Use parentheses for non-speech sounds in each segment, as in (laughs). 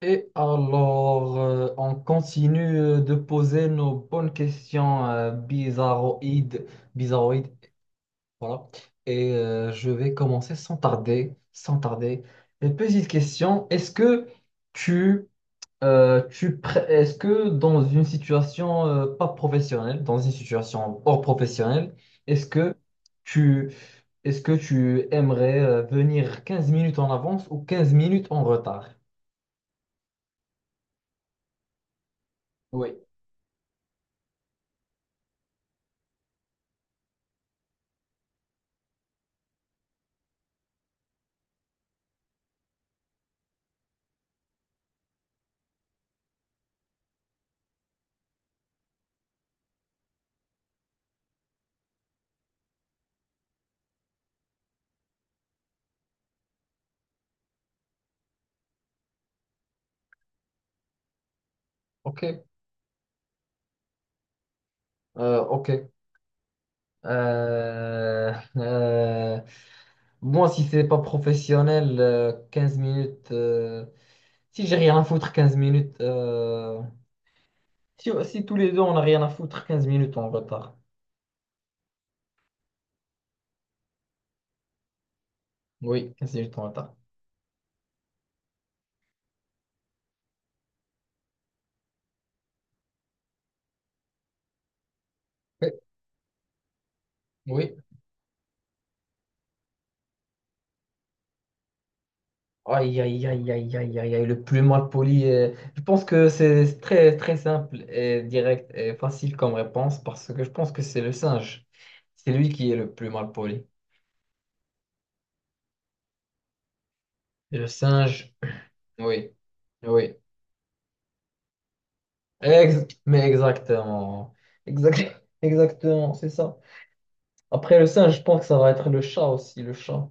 Et alors, on continue de poser nos bonnes questions bizarroïdes, bizarroïdes, voilà. Et je vais commencer sans tarder, sans tarder. Une petite question, est-ce que tu, est-ce que dans une situation pas professionnelle, dans une situation hors professionnelle, est-ce que tu, est-ce que tu aimerais venir 15 minutes en avance ou 15 minutes en retard? Oui. Ok. Ok. Euh, euh, moi, si c'est pas professionnel, 15 minutes. Si j'ai rien à foutre, 15 minutes. Si tous les deux, on a rien à foutre, 15 minutes en retard. Oui, quinze minutes en retard. Oui. Oui. Aïe, aïe, aïe, aïe, aïe, aïe, aïe, le plus mal poli. Je pense que c'est très, très simple et direct et facile comme réponse parce que je pense que c'est le singe. C'est lui qui est le plus mal poli. Le singe, oui. Oui. Mais exactement. (laughs) Exactement, c'est ça. Après le singe, je pense que ça va être le chat aussi, le chat.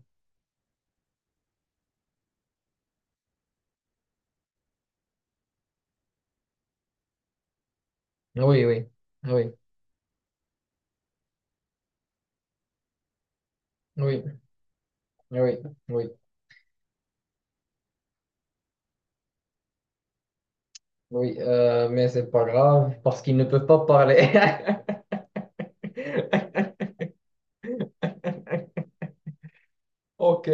Oui, oui, oui, oui, oui, oui, oui. Mais c'est pas grave parce qu'ils ne peuvent pas parler. (laughs) Ok.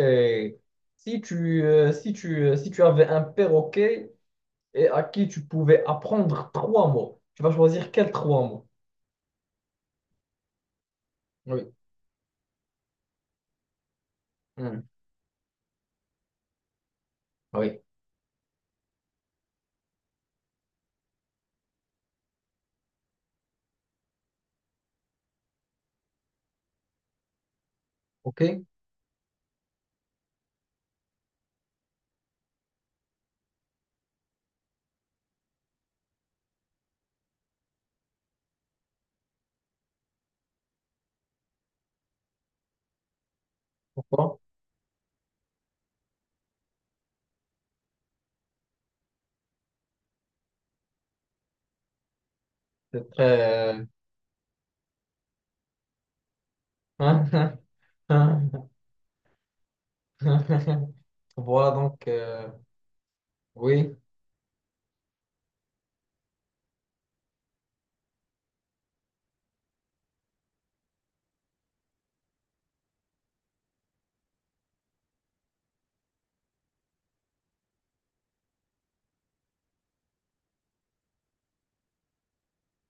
Si tu avais un perroquet et à qui tu pouvais apprendre trois mots, tu vas choisir quels trois mots? Oui. Hmm. Oui. Ok. Pourquoi? C'est très... euh, (laughs) (laughs) Voilà donc, oui.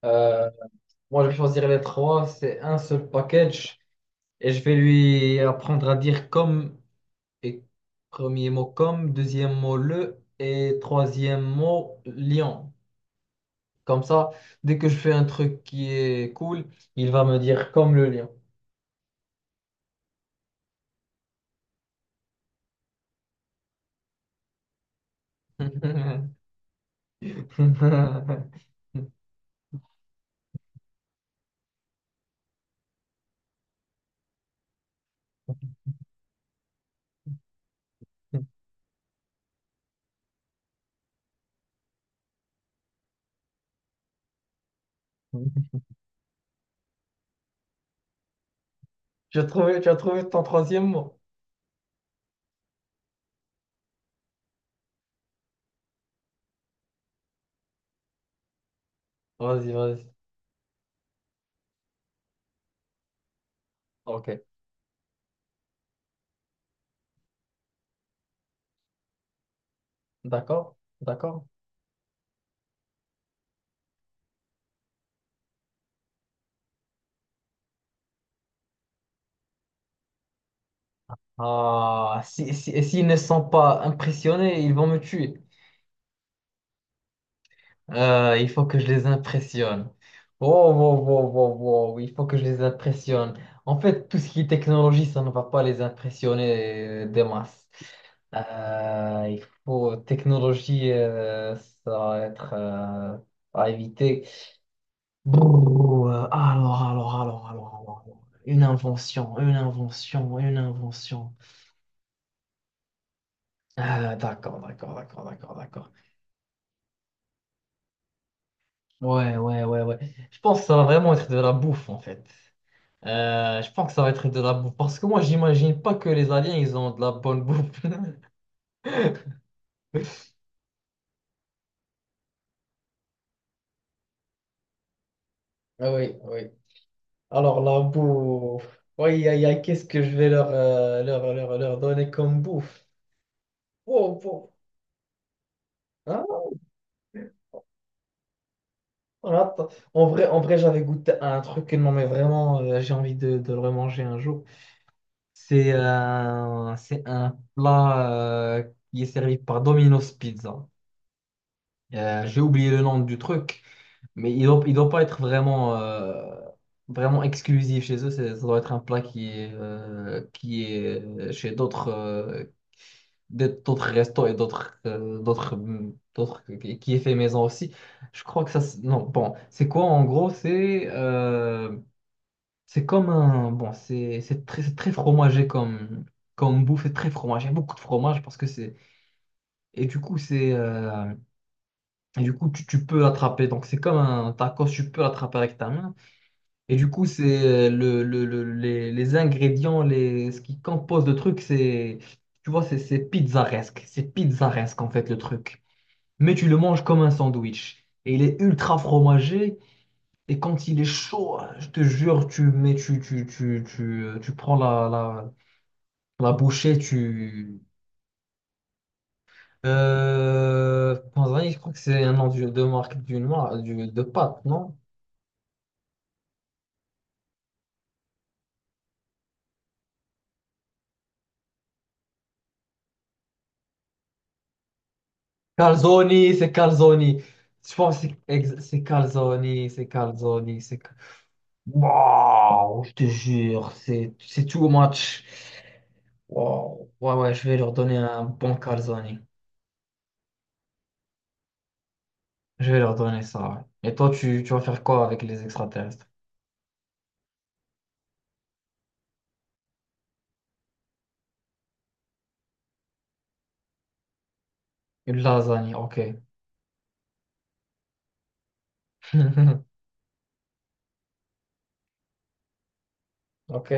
Euh, moi, je vais choisir les trois. C'est un seul package et je vais lui apprendre à dire comme et premier mot comme, deuxième mot le et troisième mot lion. Comme ça, dès que je fais un truc qui est cool, il va me dire comme le lion. (laughs) Tu as trouvé ton troisième mot? Vas-y, vas-y. Ok, d'accord, d'accord. Ah, si, si, et s'ils ne sont pas impressionnés, ils vont me tuer. Il faut que je les impressionne. Oh, wow, wow, wow, wow, il faut que je les impressionne. En fait, tout ce qui est technologie, ça ne va pas les impressionner des masses. Il faut technologie, ça va être à éviter. Brrr, alors, alors. Une invention, une invention, une invention. Ah, d'accord, d'accord, d'accord, d'accord, d'accord. Ouais, ouais, ouais, ouais. Je pense que ça va vraiment être de la bouffe, en fait. Je pense que ça va être de la bouffe. Parce que moi, j'imagine pas que les aliens, ils ont de la bonne bouffe. (laughs) Ah oui, oui. Alors la bouffe. Oui, aïe, aïe, aïe, qu'est-ce que je vais leur donner comme bouffe? Oh oh. Hein? On attend. En vrai, j'avais goûté à un truc, non mais vraiment, j'ai envie de le remanger un jour. C'est un plat euh, qui est servi par Domino's Pizza. J'ai oublié le nom du truc, mais il doit pas être vraiment, vraiment exclusif chez eux. Ça doit être un plat qui est chez d'autres d'autres restos et d'autres qui est fait maison aussi. Je crois que ça. C'est- Non, bon, c'est quoi en gros? C'est comme un bon, c'est très C'est très fromagé comme bouffe, c'est très fromagé, beaucoup de fromage parce que c'est et du coup c'est Et du coup, tu peux l'attraper. Donc, c'est comme un tacos, tu peux l'attraper avec ta main. Et du coup, c'est les ingrédients, ce qui compose le truc, c'est, tu vois, c'est pizzaresque. C'est pizzaresque, en fait, le truc. Mais tu le manges comme un sandwich. Et il est ultra fromagé. Et quand il est chaud, je te jure, tu mets, tu, tu prends la bouchée, tu. Je crois que c'est un nom de marque d'une marque, de pâte, non? Calzoni, c'est Calzoni. Je pense que c'est Calzoni, c'est Calzoni, c'est... Cal- Waouh, je te jure, c'est too much. Waouh, Ouais, ouais, je vais leur donner un bon Calzoni. Je vais leur donner ça. Ouais. Et toi, tu vas faire quoi avec les extraterrestres? Une lasagne, ok. (laughs) Ok,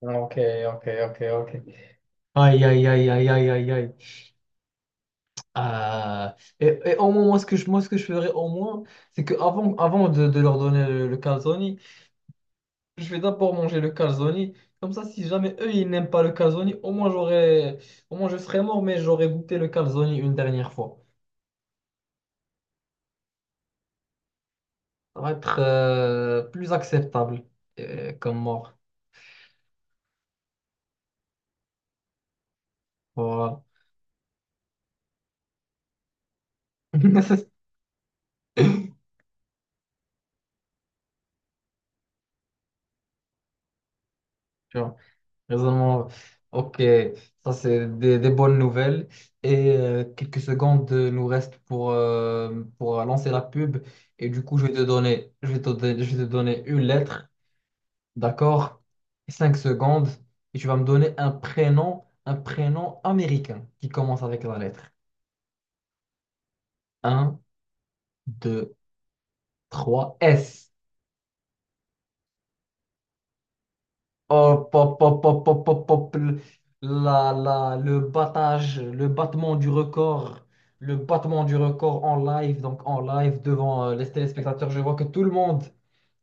ok, ok, ok, ok. Aïe, aïe, aïe, aïe, aïe, aïe, aïe. Ah, et au moins, moi, ce que je ferais au moins, c'est que avant de leur donner le calzone, je vais d'abord manger le calzone. Comme ça, si jamais eux, ils n'aiment pas le calzone, au moins je serais mort, mais j'aurais goûté le calzone une dernière fois. Ça va être plus acceptable comme mort. Voilà. (laughs) Tu vois, raisonnement. Ok, ça c'est des bonnes nouvelles. Et quelques secondes nous restent pour lancer la pub. Et du coup, je vais te donner une lettre. D'accord? Cinq secondes et tu vas me donner un prénom américain qui commence avec la lettre. Un, 2, 3, S. Hop, hop, hop, hop, hop, hop, hop. Le battage, le battement du record, le battement du record en live, donc en live devant les téléspectateurs. Je vois que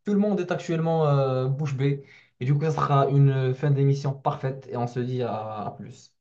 tout le monde est actuellement bouche bée. Et du coup, ça sera une fin d'émission parfaite et on se dit à plus.